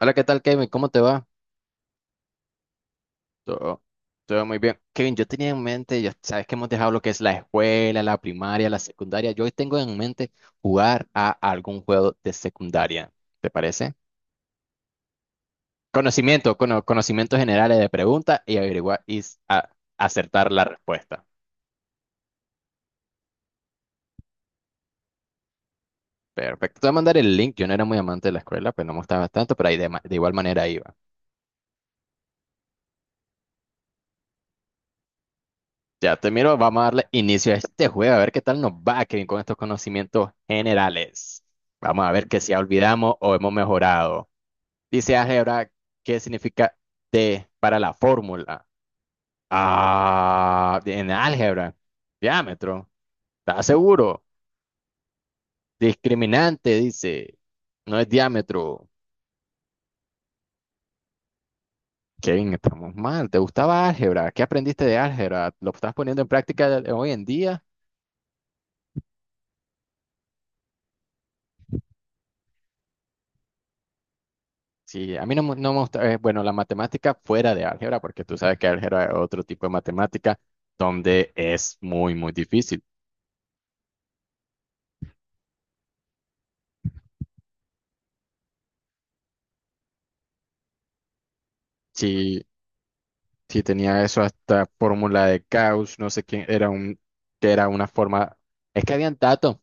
Hola, ¿qué tal, Kevin? ¿Cómo te va? Todo, todo muy bien. Kevin, yo tenía en mente, ya sabes que hemos dejado lo que es la escuela, la primaria, la secundaria. Yo hoy tengo en mente jugar a algún juego de secundaria. ¿Te parece? Conocimiento, conocimientos generales de preguntas y averiguar y acertar la respuesta. Perfecto. Te voy a mandar el link. Yo no era muy amante de la escuela, pues no me gustaba tanto, pero ahí de, de igual manera iba. Ya te miro, vamos a darle inicio a este juego, a ver qué tal nos va, Kevin, con estos conocimientos generales. Vamos a ver que si olvidamos o hemos mejorado. Dice álgebra, ¿qué significa T para la fórmula? Ah, en álgebra, diámetro, ¿estás seguro? Discriminante, dice, no es diámetro. Kevin, estamos mal, ¿te gustaba álgebra? ¿Qué aprendiste de álgebra? ¿Lo estás poniendo en práctica hoy en día? Sí, a mí no, no me gusta, bueno, la matemática fuera de álgebra, porque tú sabes que álgebra es otro tipo de matemática donde es muy, muy difícil. Sí, sí tenía eso hasta fórmula de Gauss, no sé quién, era un, que era una forma, es que habían datos,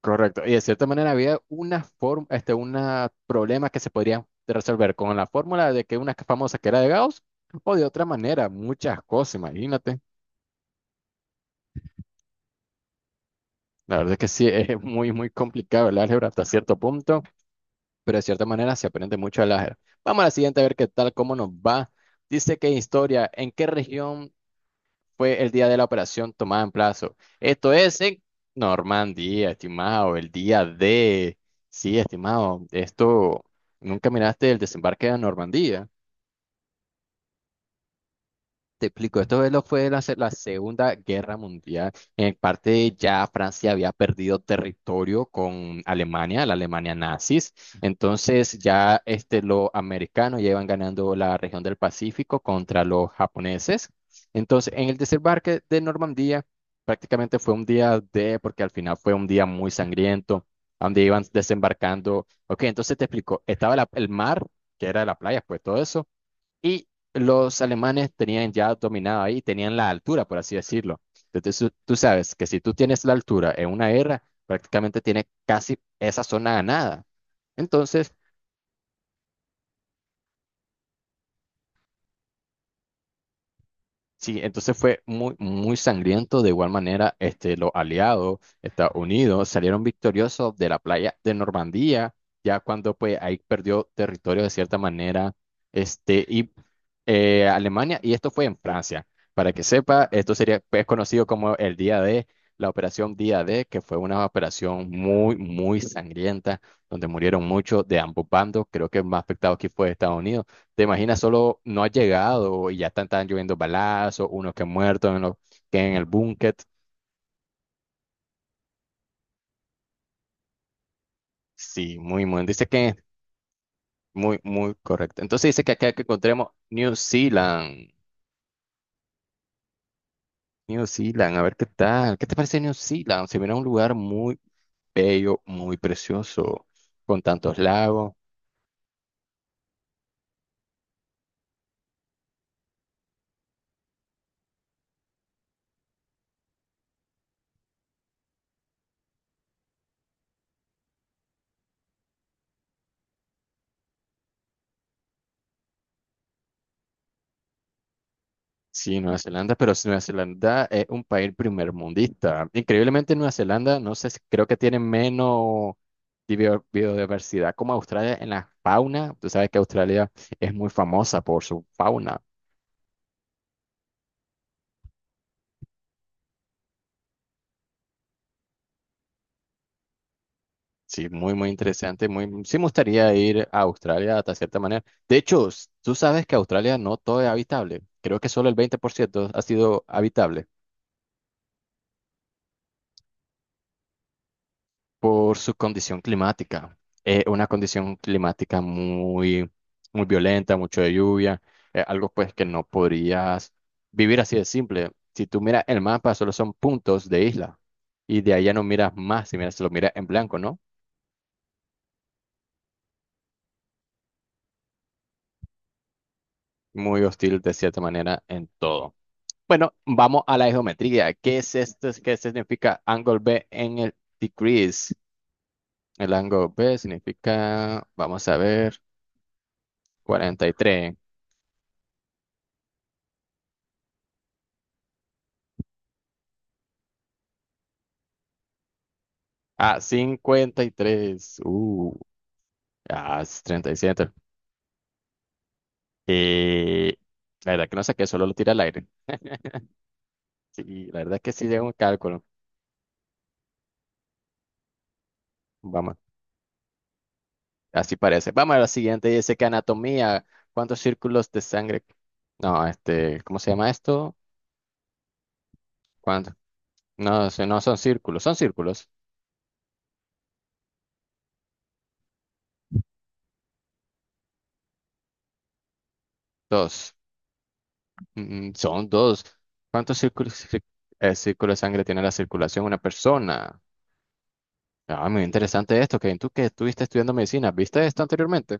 correcto, y de cierta manera había una forma, este, una problema que se podría resolver con la fórmula de que una famosa que era de Gauss, o de otra manera, muchas cosas, imagínate. La verdad es que sí, es muy, muy complicado el álgebra hasta cierto punto. Pero de cierta manera se aprende mucho al áger. Vamos a la siguiente a ver qué tal, cómo nos va. Dice que historia, ¿en qué región fue el día de la operación tomada en plazo? Esto es en Normandía, estimado, el día de... Sí, estimado, esto, ¿nunca miraste el desembarque de Normandía? Te explico, esto es fue la Segunda Guerra Mundial. En parte ya Francia había perdido territorio con Alemania, la Alemania nazis. Entonces ya este, los americanos ya iban ganando la región del Pacífico contra los japoneses. Entonces en el desembarque de Normandía prácticamente fue un día de, porque al final fue un día muy sangriento, donde iban desembarcando. Ok, entonces te explico, estaba el mar, que era la playa, pues todo eso. Y los alemanes tenían ya dominado ahí, tenían la altura, por así decirlo. Entonces, tú sabes que si tú tienes la altura en una guerra, prácticamente tienes casi esa zona ganada. Entonces, sí, entonces fue muy, muy sangriento. De igual manera, este, los aliados, Estados Unidos, salieron victoriosos de la playa de Normandía, ya cuando pues ahí perdió territorio de cierta manera, este, y Alemania, y esto fue en Francia. Para que sepa, esto sería pues, conocido como el Día D, la operación Día D, que fue una operación muy, muy sangrienta, donde murieron muchos de ambos bandos. Creo que el más afectado aquí fue Estados Unidos, te imaginas, solo no ha llegado y ya están lloviendo balazos, unos que han muerto en, que en el búnker. Sí, muy, muy. Dice que es muy, muy correcto. Entonces dice que acá que encontremos New Zealand. New Zealand, a ver qué tal. ¿Qué te parece New Zealand? Se mira un lugar muy bello, muy precioso, con tantos lagos. Sí, Nueva Zelanda, pero si Nueva Zelanda es un país primermundista. Increíblemente, Nueva Zelanda, no sé, creo que tiene menos de biodiversidad como Australia en la fauna. Tú sabes que Australia es muy famosa por su fauna. Sí, muy, muy interesante. Muy, sí, me gustaría ir a Australia hasta cierta manera. De hecho, tú sabes que Australia no todo es habitable. Creo que solo el 20% ha sido habitable. Por su condición climática. Una condición climática muy, muy violenta, mucho de lluvia, algo pues que no podrías vivir así de simple. Si tú miras el mapa, solo son puntos de isla y de allá no miras más, si miras, se lo miras en blanco, ¿no? Muy hostil de cierta manera en todo. Bueno, vamos a la geometría. ¿Qué es esto? ¿Qué significa angle B en el decrease? El ángulo B significa, vamos a ver, 43. Ah, 53. Ah, es 37. Eh, la verdad que no saqué, solo lo tira al aire. Sí, la verdad que sí llega un cálculo. Vamos, así parece. Vamos a la siguiente. Dice que anatomía. ¿Cuántos círculos de sangre? No, este, ¿cómo se llama esto? ¿Cuánto? No sé, no son círculos, son círculos. Dos. Son dos. ¿Cuántos círculos, círculos de sangre tiene la circulación de una persona? Ah, muy interesante esto, Kevin. Tú que estuviste estudiando medicina, ¿viste esto anteriormente?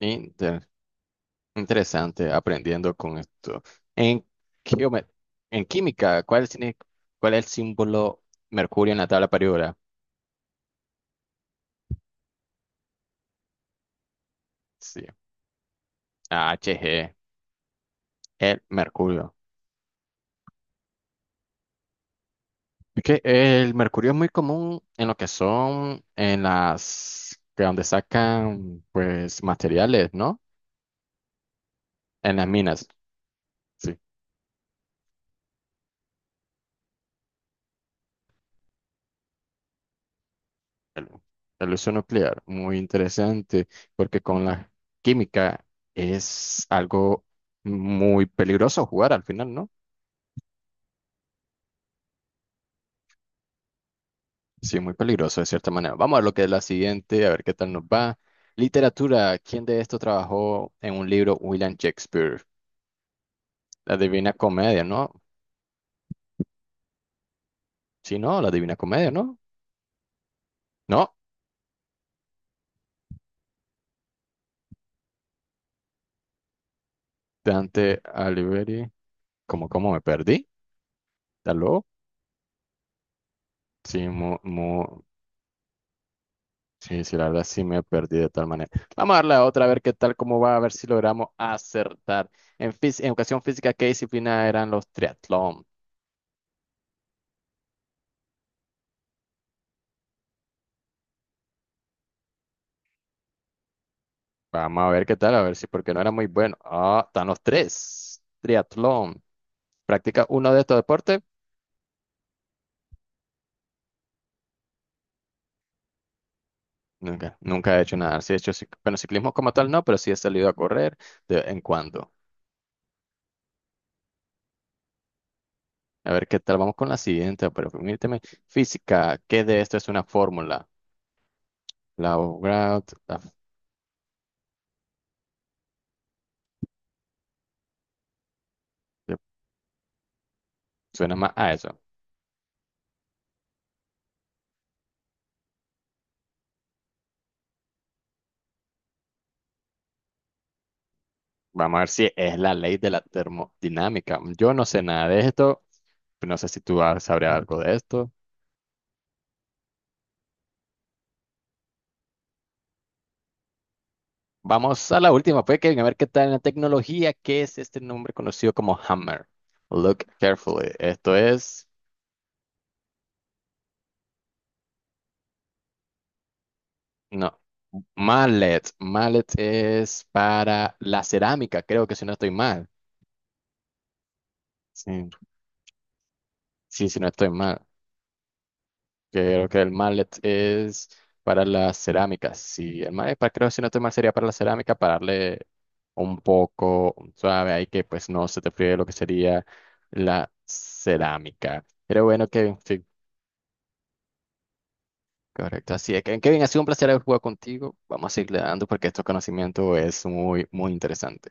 Inter- Interesante aprendiendo con esto. En, geome- en química, cuál es el símbolo mercurio en la tabla periódica? Sí, AHG, el mercurio. Es que el mercurio es muy común en lo que son en las que donde sacan pues materiales, ¿no? En las minas. Sí. Bueno, la ilusión nuclear, muy interesante, porque con la química es algo muy peligroso jugar al final, ¿no? Sí, muy peligroso de cierta manera. Vamos a ver lo que es la siguiente, a ver qué tal nos va. Literatura, ¿quién de esto trabajó en un libro William Shakespeare? La Divina Comedia, ¿no? Sí, no, la Divina Comedia, ¿no? No, Dante Alighieri, ¿cómo me perdí? ¿Aló? Sí, sí, sí, la verdad sí me perdí de tal manera. Vamos a darle a otra, a ver qué tal, cómo va, a ver si logramos acertar. En educación física, ¿qué disciplina eran los triatlón? Vamos a ver qué tal, a ver si, porque no era muy bueno. Ah, están los tres. Triatlón. ¿Practica uno de estos deportes? Nunca, nunca he hecho nada. Sí he hecho, bueno, ciclismo como tal no, pero sí he salido a correr de vez en cuando. A ver qué tal, vamos con la siguiente, pero permíteme. Física, ¿qué de esto es una fórmula? La, la, suena más a eso. Vamos a ver si es la ley de la termodinámica. Yo no sé nada de esto. No sé si tú sabrías algo de esto. Vamos a la última, pues, Kevin, a ver qué tal en la tecnología. ¿Qué es este nombre conocido como hammer? Look carefully. Esto es. No. Mallet. Mallet es para la cerámica, creo que si no estoy mal. Sí, sí, si no estoy mal. Creo que el mallet es para las cerámicas. Sí, el mallet, para, creo, si no estoy mal, sería para la cerámica, para darle un poco suave ahí que pues no se te fríe lo que sería la cerámica. Pero bueno, Kevin, sí, correcto. Así es, Kevin, Kevin, ha sido un placer haber jugado contigo. Vamos a seguirle dando porque estos conocimientos es muy, muy interesante.